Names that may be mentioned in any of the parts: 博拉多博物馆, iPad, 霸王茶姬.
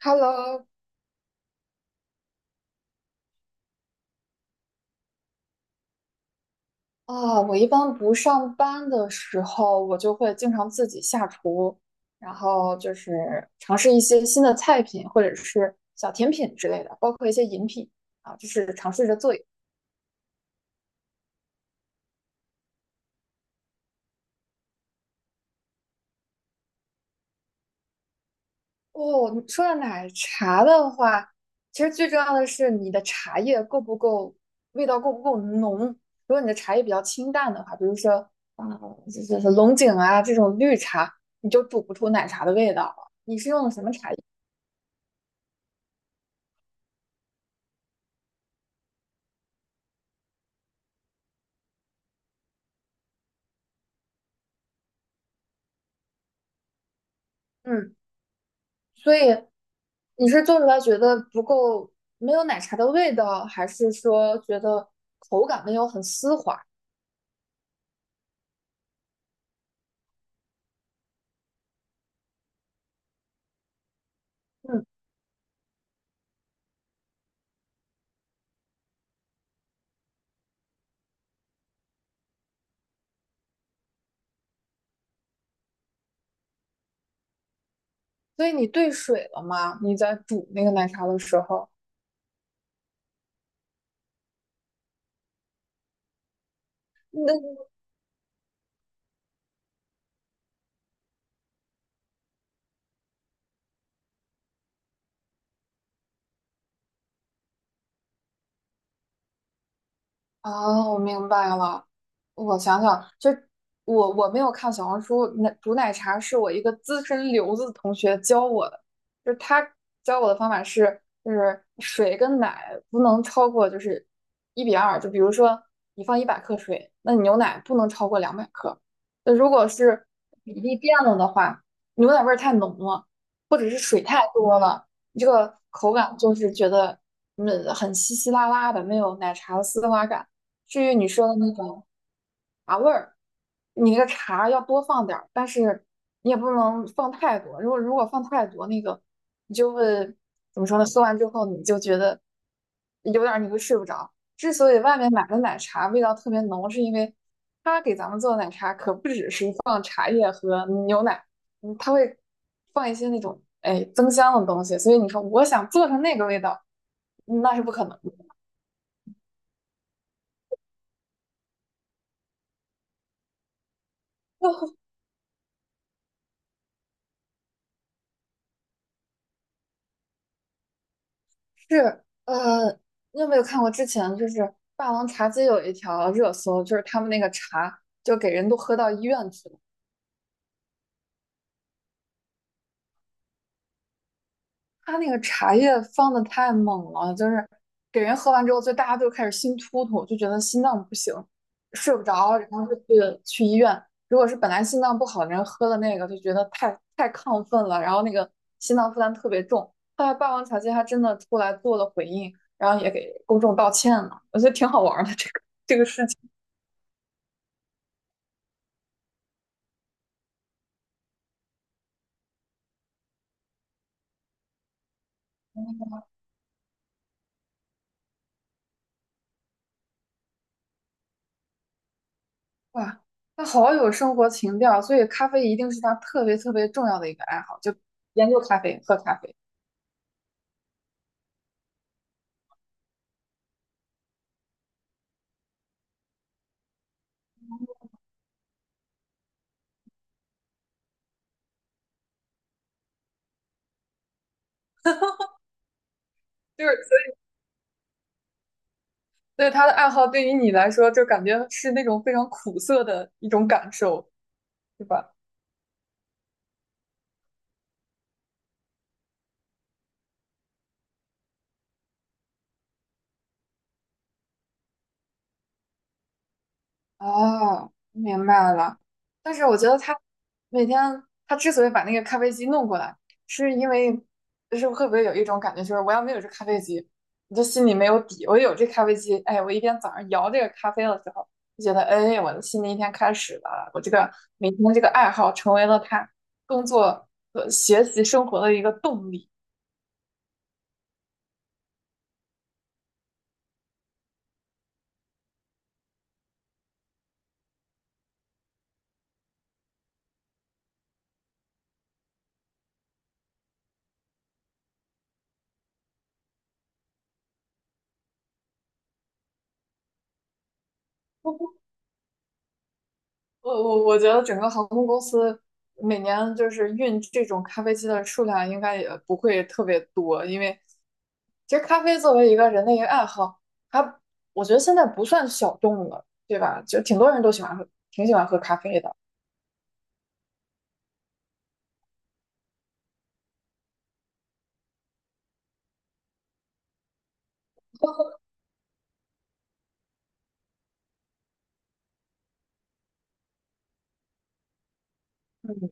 Hello。我一般不上班的时候，我就会经常自己下厨，然后就是尝试一些新的菜品或者是小甜品之类的，包括一些饮品。尝试着做。哦，你说到奶茶的话，其实最重要的是你的茶叶够不够，味道够不够浓。如果你的茶叶比较清淡的话，比如说啊，龙井啊这种绿茶，你就煮不出奶茶的味道了。你是用的什么茶叶？嗯。所以你是做出来觉得不够，没有奶茶的味道，还是说觉得口感没有很丝滑？嗯，所以你兑水了吗？你在煮那个奶茶的时候，那我明白了。我想想，就我没有看小红书，奶煮奶茶是我一个资深留子同学教我的，就是他教我的方法是，就是水跟奶不能超过就是1:2，就比如说你放100克水，那你牛奶不能超过200克。那如果是比例变了的话，牛奶味儿太浓了，或者是水太多了，你这个口感就是觉得很稀稀拉拉的，没有奶茶的丝滑感。至于你说的那种茶味儿，你那个茶要多放点儿，但是你也不能放太多。如果放太多，那个你就会怎么说呢？喝完之后你就觉得有点儿你会睡不着。之所以外面买的奶茶味道特别浓，是因为他给咱们做的奶茶可不只是放牛奶，嗯，他会放一些那种增香的东西。所以你说我想做成那个味道，那是不可能。是，你有没有看过之前就是《霸王茶姬》有一条热搜，就是他们那个茶就给人都喝到医院去了，他那个茶叶放的太猛了，就是给人喝完之后，就大家就开始心突突，就觉得心脏不行，睡不着，然后去医院。如果是本来心脏不好的人喝了那个，就觉得太亢奋了，然后那个心脏负担特别重。后来《霸王茶姬》还真的出来做了回应，然后也给公众道歉了，我觉得挺好玩儿的这个。这个事情。哇，他好有生活情调，所以咖啡一定是他特别特别重要的一个爱好，就研究咖啡、喝咖啡，就是对他的爱好，对于你来说，就感觉是那种非常苦涩的一种感受，对吧？哦，明白了。但是我觉得他每天之所以把那个咖啡机弄过来，是因为就是会不会有一种感觉，就是我要没有这咖啡机，我就心里没有底。我有这咖啡机，哎，我一天早上摇这个咖啡的时候，就觉得哎，我的新的一天开始了。我这个每天这个爱好成为了他工作、和学习、生活的一个动力。我觉得整个航空公司每年就是运这种咖啡机的数量应该也不会特别多，因为其实咖啡作为一个人的一个爱好，它我觉得现在不算小众了，对吧？就挺多人都喜欢喝，挺喜欢喝咖啡的。嗯。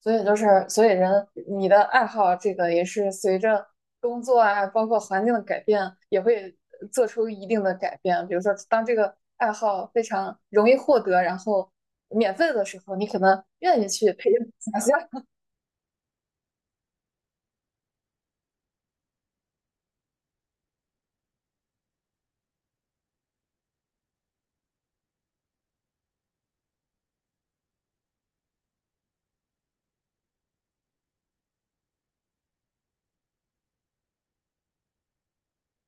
所以你的爱好这个也是随着工作啊，包括环境的改变，也会做出一定的改变。比如说，当这个爱好非常容易获得，然后免费的时候，你可能愿意去培养一下。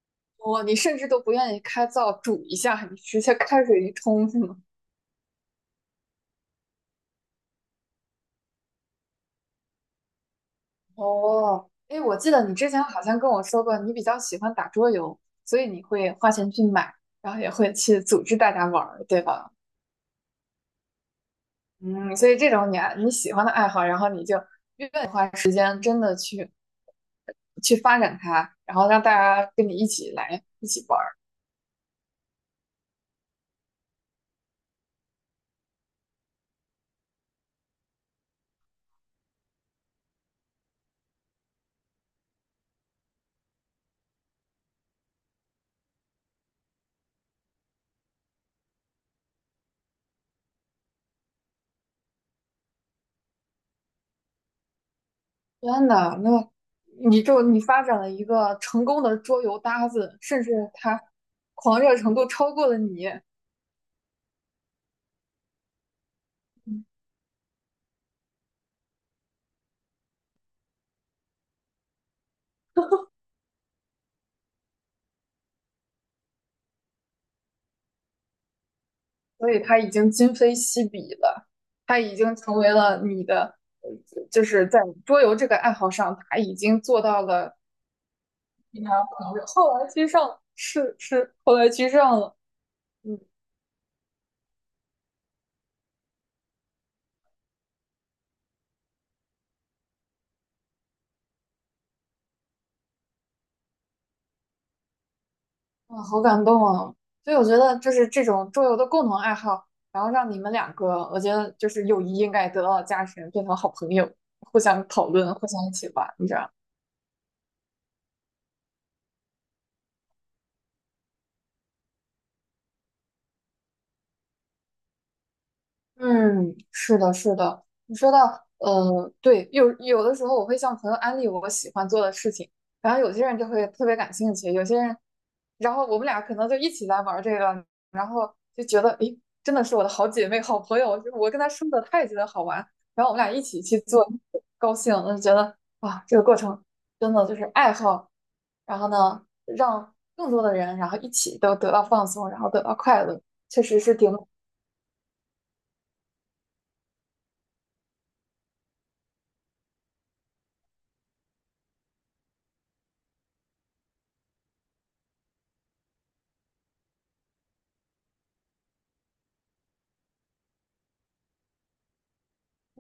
哦，你甚至都不愿意开灶煮一下，你直接开水一冲是吗？哦，哎，我记得你之前好像跟我说过，你比较喜欢打桌游，所以你会花钱去买，然后也会去组织大家玩儿，对吧？嗯，所以这种你喜欢的爱好，然后你就愿意去发展它，然后让大家跟你一起来一起玩儿。真的，那你发展了一个成功的桌游搭子，甚至他狂热程度超过了你，嗯所以他已经今非昔比了，他已经成为了你的，就是在桌游这个爱好上，他已经做到了非常狂热，后来居上，是后来居上了。嗯。啊，好感动啊！所以我觉得，就是这种桌游的共同爱好，然后让你们两个，我觉得就是友谊应该得到加深，变成好朋友，互相讨论，互相一起玩，你知道。嗯，是的，是的。你说到，对，有的时候我会向朋友安利我喜欢做的事情，然后有些人就会特别感兴趣，有些人，然后我们俩可能就一起来玩儿这个，然后就觉得，诶，真的是我的好姐妹、好朋友，我跟她说的，她也觉得好玩，然后我们俩一起去做，高兴，我就觉得哇，这个过程真的就是爱好，然后呢，让更多的人，然后一起都得到放松，然后得到快乐，确实是挺。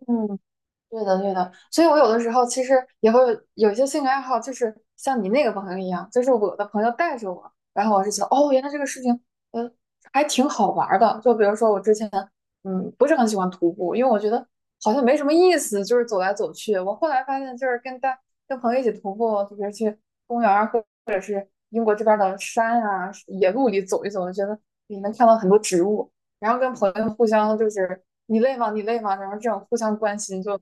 嗯，对的，对的，所以我有的时候其实也会有一些兴趣爱好，就是像你那个朋友一样，就是我的朋友带着我，然后我是觉得哦，原来这个事情，呃，还挺好玩儿的。就比如说我之前，不是很喜欢徒步，因为我觉得好像没什么意思，就是走来走去。我后来发现，就是跟朋友一起徒步，就比如去公园儿或英国这边儿的山啊、野路里走一走，我觉得你能看到很多植物，然后跟朋友互相就是你累吗？你累吗？然后这种互相关心就。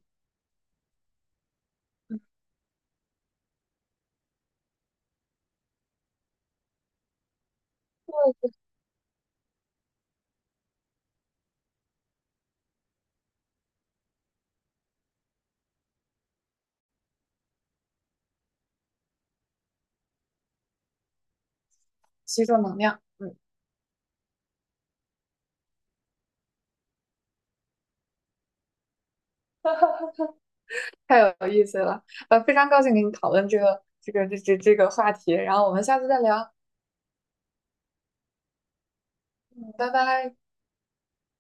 吸收能量。嗯，太有意思了，非常高兴跟你讨论这个话题，然后我们下次再聊，嗯拜拜。